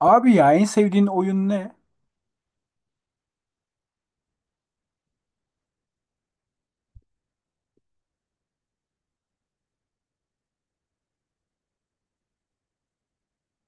Abi ya en sevdiğin oyun ne?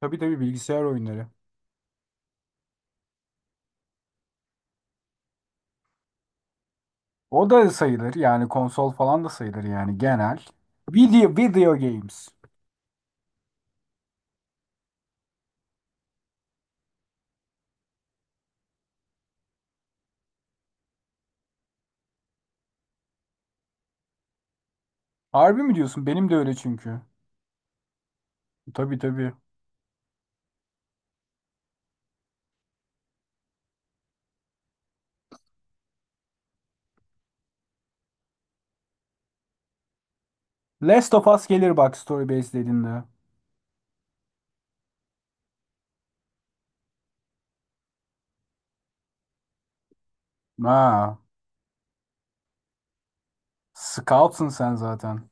Tabii tabii bilgisayar oyunları. O da sayılır yani konsol falan da sayılır yani genel. Video games. Harbi mi diyorsun? Benim de öyle çünkü. Tabii tabii. Last of Us gelir bak story based dediğinde. Ha, scout'sun sen zaten.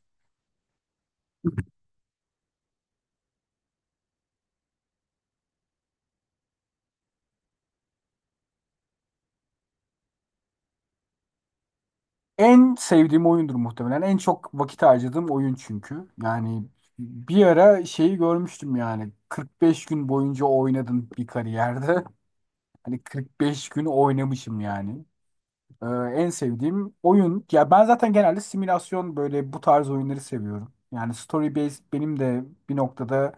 En sevdiğim oyundur muhtemelen. En çok vakit harcadığım oyun çünkü. Yani bir ara şeyi görmüştüm yani. 45 gün boyunca oynadım bir kariyerde. Hani 45 gün oynamışım yani. Ee, en sevdiğim oyun. Ya ben zaten genelde simülasyon böyle bu tarz oyunları seviyorum. Yani story based benim de bir noktada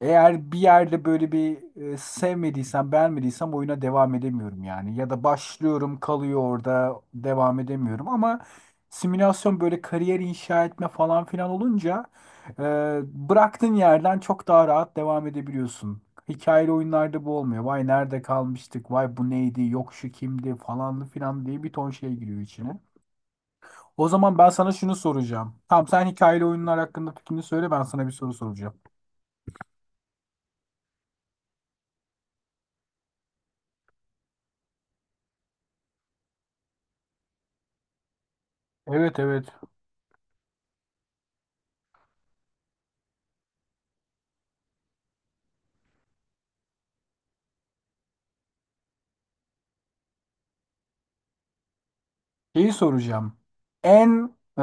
eğer bir yerde böyle bir sevmediysem, beğenmediysem oyuna devam edemiyorum yani. Ya da başlıyorum, kalıyor orada, devam edemiyorum. Ama simülasyon böyle kariyer inşa etme falan filan olunca bıraktığın yerden çok daha rahat devam edebiliyorsun. Hikayeli oyunlarda bu olmuyor. Vay nerede kalmıştık, vay bu neydi, yok şu kimdi falan filan diye bir ton şey giriyor içine. O zaman ben sana şunu soracağım. Tamam sen hikayeli oyunlar hakkında fikrini söyle ben sana bir soru soracağım. Evet evet. Şeyi soracağım. En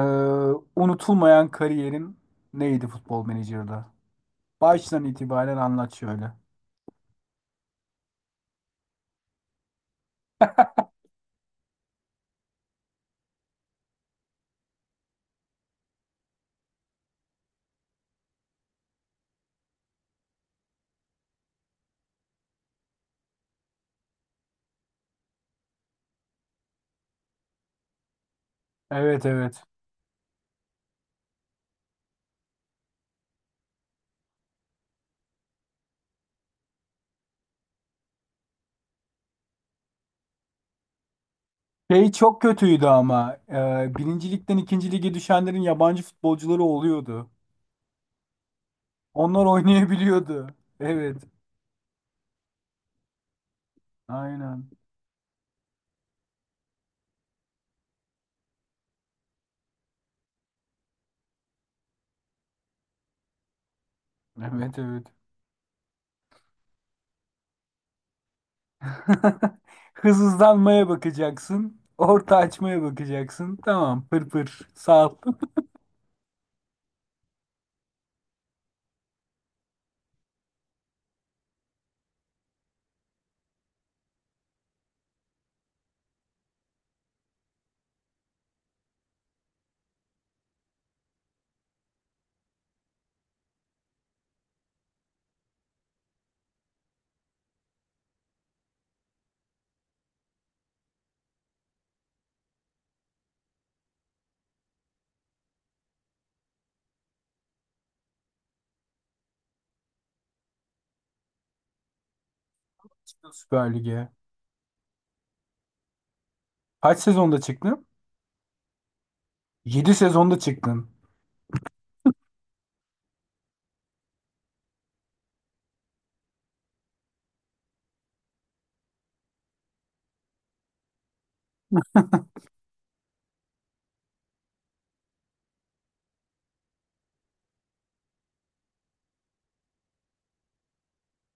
unutulmayan kariyerin neydi Futbol Manager'da? Baştan itibaren anlat şöyle. Evet evet. Şey çok kötüydü ama. Birinci ligden ikinci lige düşenlerin yabancı futbolcuları oluyordu. Onlar oynayabiliyordu. Evet. Aynen. Evet evet. Hız hızlanmaya bakacaksın. Orta açmaya bakacaksın. Tamam pır pır. Sağ atla. Süper Lig'e. Kaç sezonda çıktın? 7 sezonda çıktın.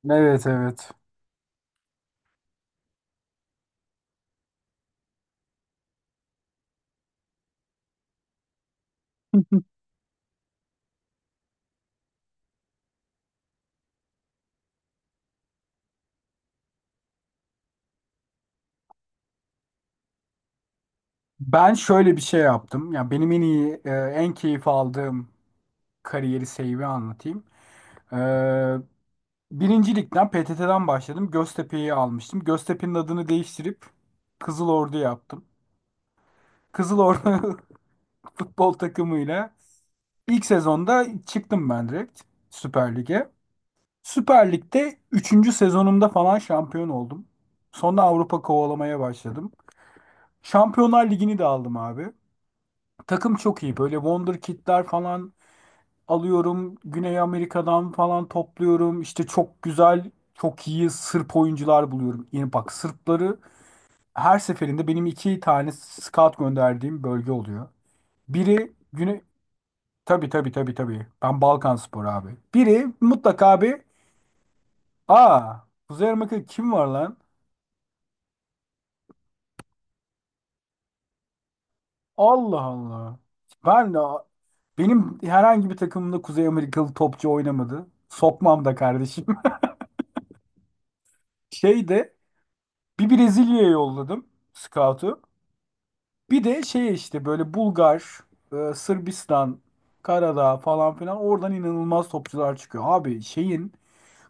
Evet evet. Ben şöyle bir şey yaptım. Ya benim en iyi, en keyif aldığım kariyeri save'i anlatayım. Ee, Birinci ligden PTT'den başladım. Göztepe'yi almıştım. Göztepe'nin adını değiştirip Kızıl Ordu yaptım. Kızıl Ordu futbol takımıyla ilk sezonda çıktım ben direkt Süper Lig'e. Süper Lig'de 3. sezonumda falan şampiyon oldum. Sonra Avrupa kovalamaya başladım. Şampiyonlar Ligi'ni de aldım abi. Takım çok iyi. Böyle Wonder Kid'ler falan alıyorum. Güney Amerika'dan falan topluyorum. İşte çok güzel, çok iyi Sırp oyuncular buluyorum. Yani bak Sırpları her seferinde benim iki tane scout gönderdiğim bölge oluyor. Biri Güney... Tabii tabii tabii tabii. Ben Balkanspor abi. Biri mutlaka bir... Aa, Kuzey Amerika'da kim var lan? Allah Allah. Ben de... Benim herhangi bir takımımda Kuzey Amerikalı topçu oynamadı. Sokmam da kardeşim. Şey de Bir Brezilya'ya yolladım scout'u. Bir de şey işte böyle Bulgar, Sırbistan, Karadağ falan filan oradan inanılmaz topçular çıkıyor. Abi şeyin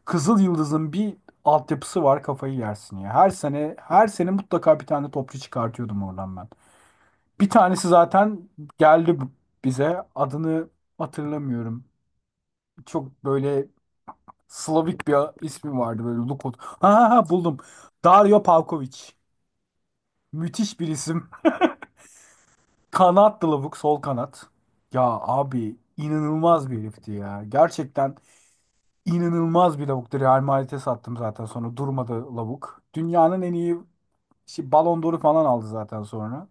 Kızıl Yıldız'ın bir altyapısı var kafayı yersin ya. Her sene her sene mutlaka bir tane topçu çıkartıyordum oradan ben. Bir tanesi zaten geldi bize. Adını hatırlamıyorum. Çok böyle Slavik bir ismi vardı böyle Lukot. Ha ha ha buldum. Dario Pavkovic. Müthiş bir isim. Kanat Lavuk sol kanat. Ya abi inanılmaz bir herifti ya. Gerçekten inanılmaz bir lavuktu. Real Madrid'e sattım zaten sonra durmadı lavuk. Dünyanın en iyi şey, Ballon d'Or'u falan aldı zaten sonra.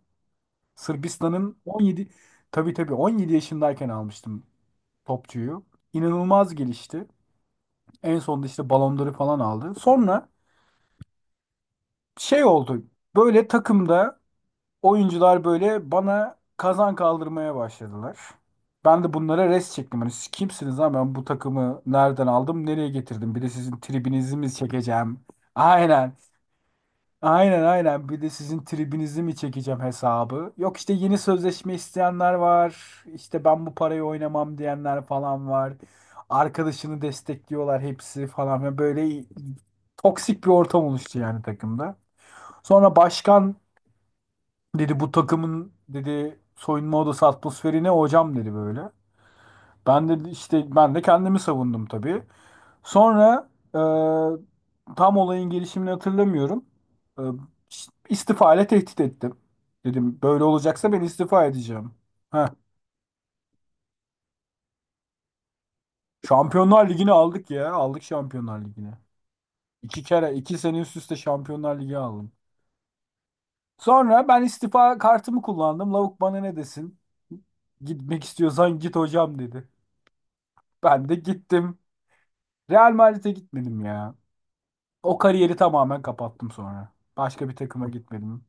Sırbistan'ın 17 tabii tabii 17 yaşındayken almıştım topçuyu. İnanılmaz gelişti. En sonunda işte Ballon d'Or'u falan aldı. Sonra şey oldu. Böyle takımda oyuncular böyle bana kazan kaldırmaya başladılar. Ben de bunlara res çektim. Hani siz kimsiniz ha ben bu takımı nereden aldım nereye getirdim? Bir de sizin tribinizi mi çekeceğim? Aynen. Aynen aynen. Bir de sizin tribinizi mi çekeceğim hesabı? Yok işte yeni sözleşme isteyenler var. İşte ben bu parayı oynamam diyenler falan var. Arkadaşını destekliyorlar hepsi falan. Ve böyle toksik bir ortam oluştu yani takımda. Sonra başkan dedi bu takımın dedi soyunma odası atmosferi ne hocam dedi böyle. Ben de işte ben de kendimi savundum tabii. Sonra tam olayın gelişimini hatırlamıyorum. E, istifa ile tehdit ettim. Dedim böyle olacaksa ben istifa edeceğim. Heh, Şampiyonlar Ligi'ni aldık ya. Aldık Şampiyonlar Ligi'ni. İki kere iki sene üst üste Şampiyonlar Ligi aldım. Sonra ben istifa kartımı kullandım. Lavuk bana ne desin? Gitmek istiyorsan git hocam dedi. Ben de gittim. Real Madrid'e gitmedim ya. O kariyeri tamamen kapattım sonra. Başka bir takıma gitmedim.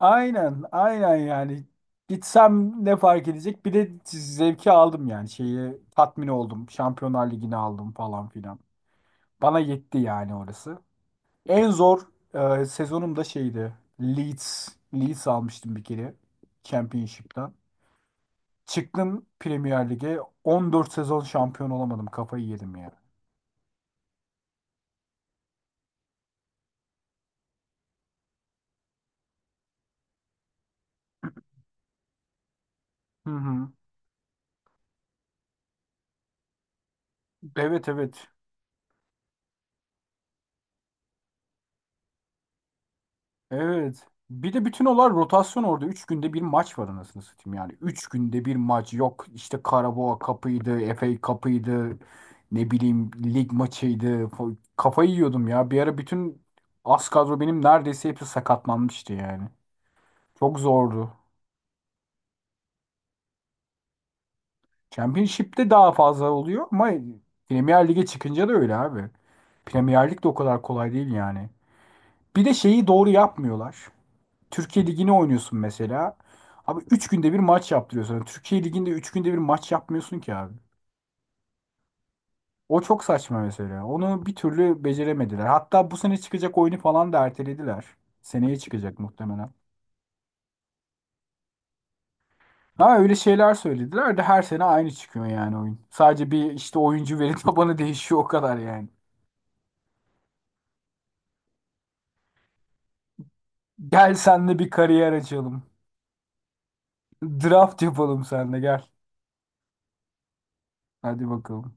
Aynen, aynen yani. Gitsem ne fark edecek? Bir de zevki aldım yani. Şeyi tatmin oldum. Şampiyonlar Ligi'ni aldım falan filan. Bana yetti yani orası. En zor sezonum da şeydi. Leeds. Leeds almıştım bir kere. Championship'ten. Çıktım Premier Lig'e. 14 sezon şampiyon olamadım. Kafayı yedim ya. Hı hı. Evet evet. Evet. Bir de bütün olay rotasyon orada. Üç günde bir maç var anasını satayım yani. Üç günde bir maç yok. İşte Karabağ kapıydı, FA kapıydı, ne bileyim lig maçıydı. Kafayı yiyordum ya. Bir ara bütün az kadro benim neredeyse hepsi sakatlanmıştı yani. Çok zordu. Championship'te daha fazla oluyor ama Premier Lig'e çıkınca da öyle abi. Premier Lig de o kadar kolay değil yani. Bir de şeyi doğru yapmıyorlar. Türkiye Ligi'ne oynuyorsun mesela. Abi 3 günde bir maç yaptırıyorsun. Yani Türkiye Ligi'nde 3 günde bir maç yapmıyorsun ki abi. O çok saçma mesela. Onu bir türlü beceremediler. Hatta bu sene çıkacak oyunu falan da ertelediler. Seneye çıkacak muhtemelen. Ha öyle şeyler söylediler de her sene aynı çıkıyor yani oyun. Sadece bir işte oyuncu veri tabanı değişiyor o kadar yani. Gel senle bir kariyer açalım. Draft yapalım senle gel. Hadi bakalım.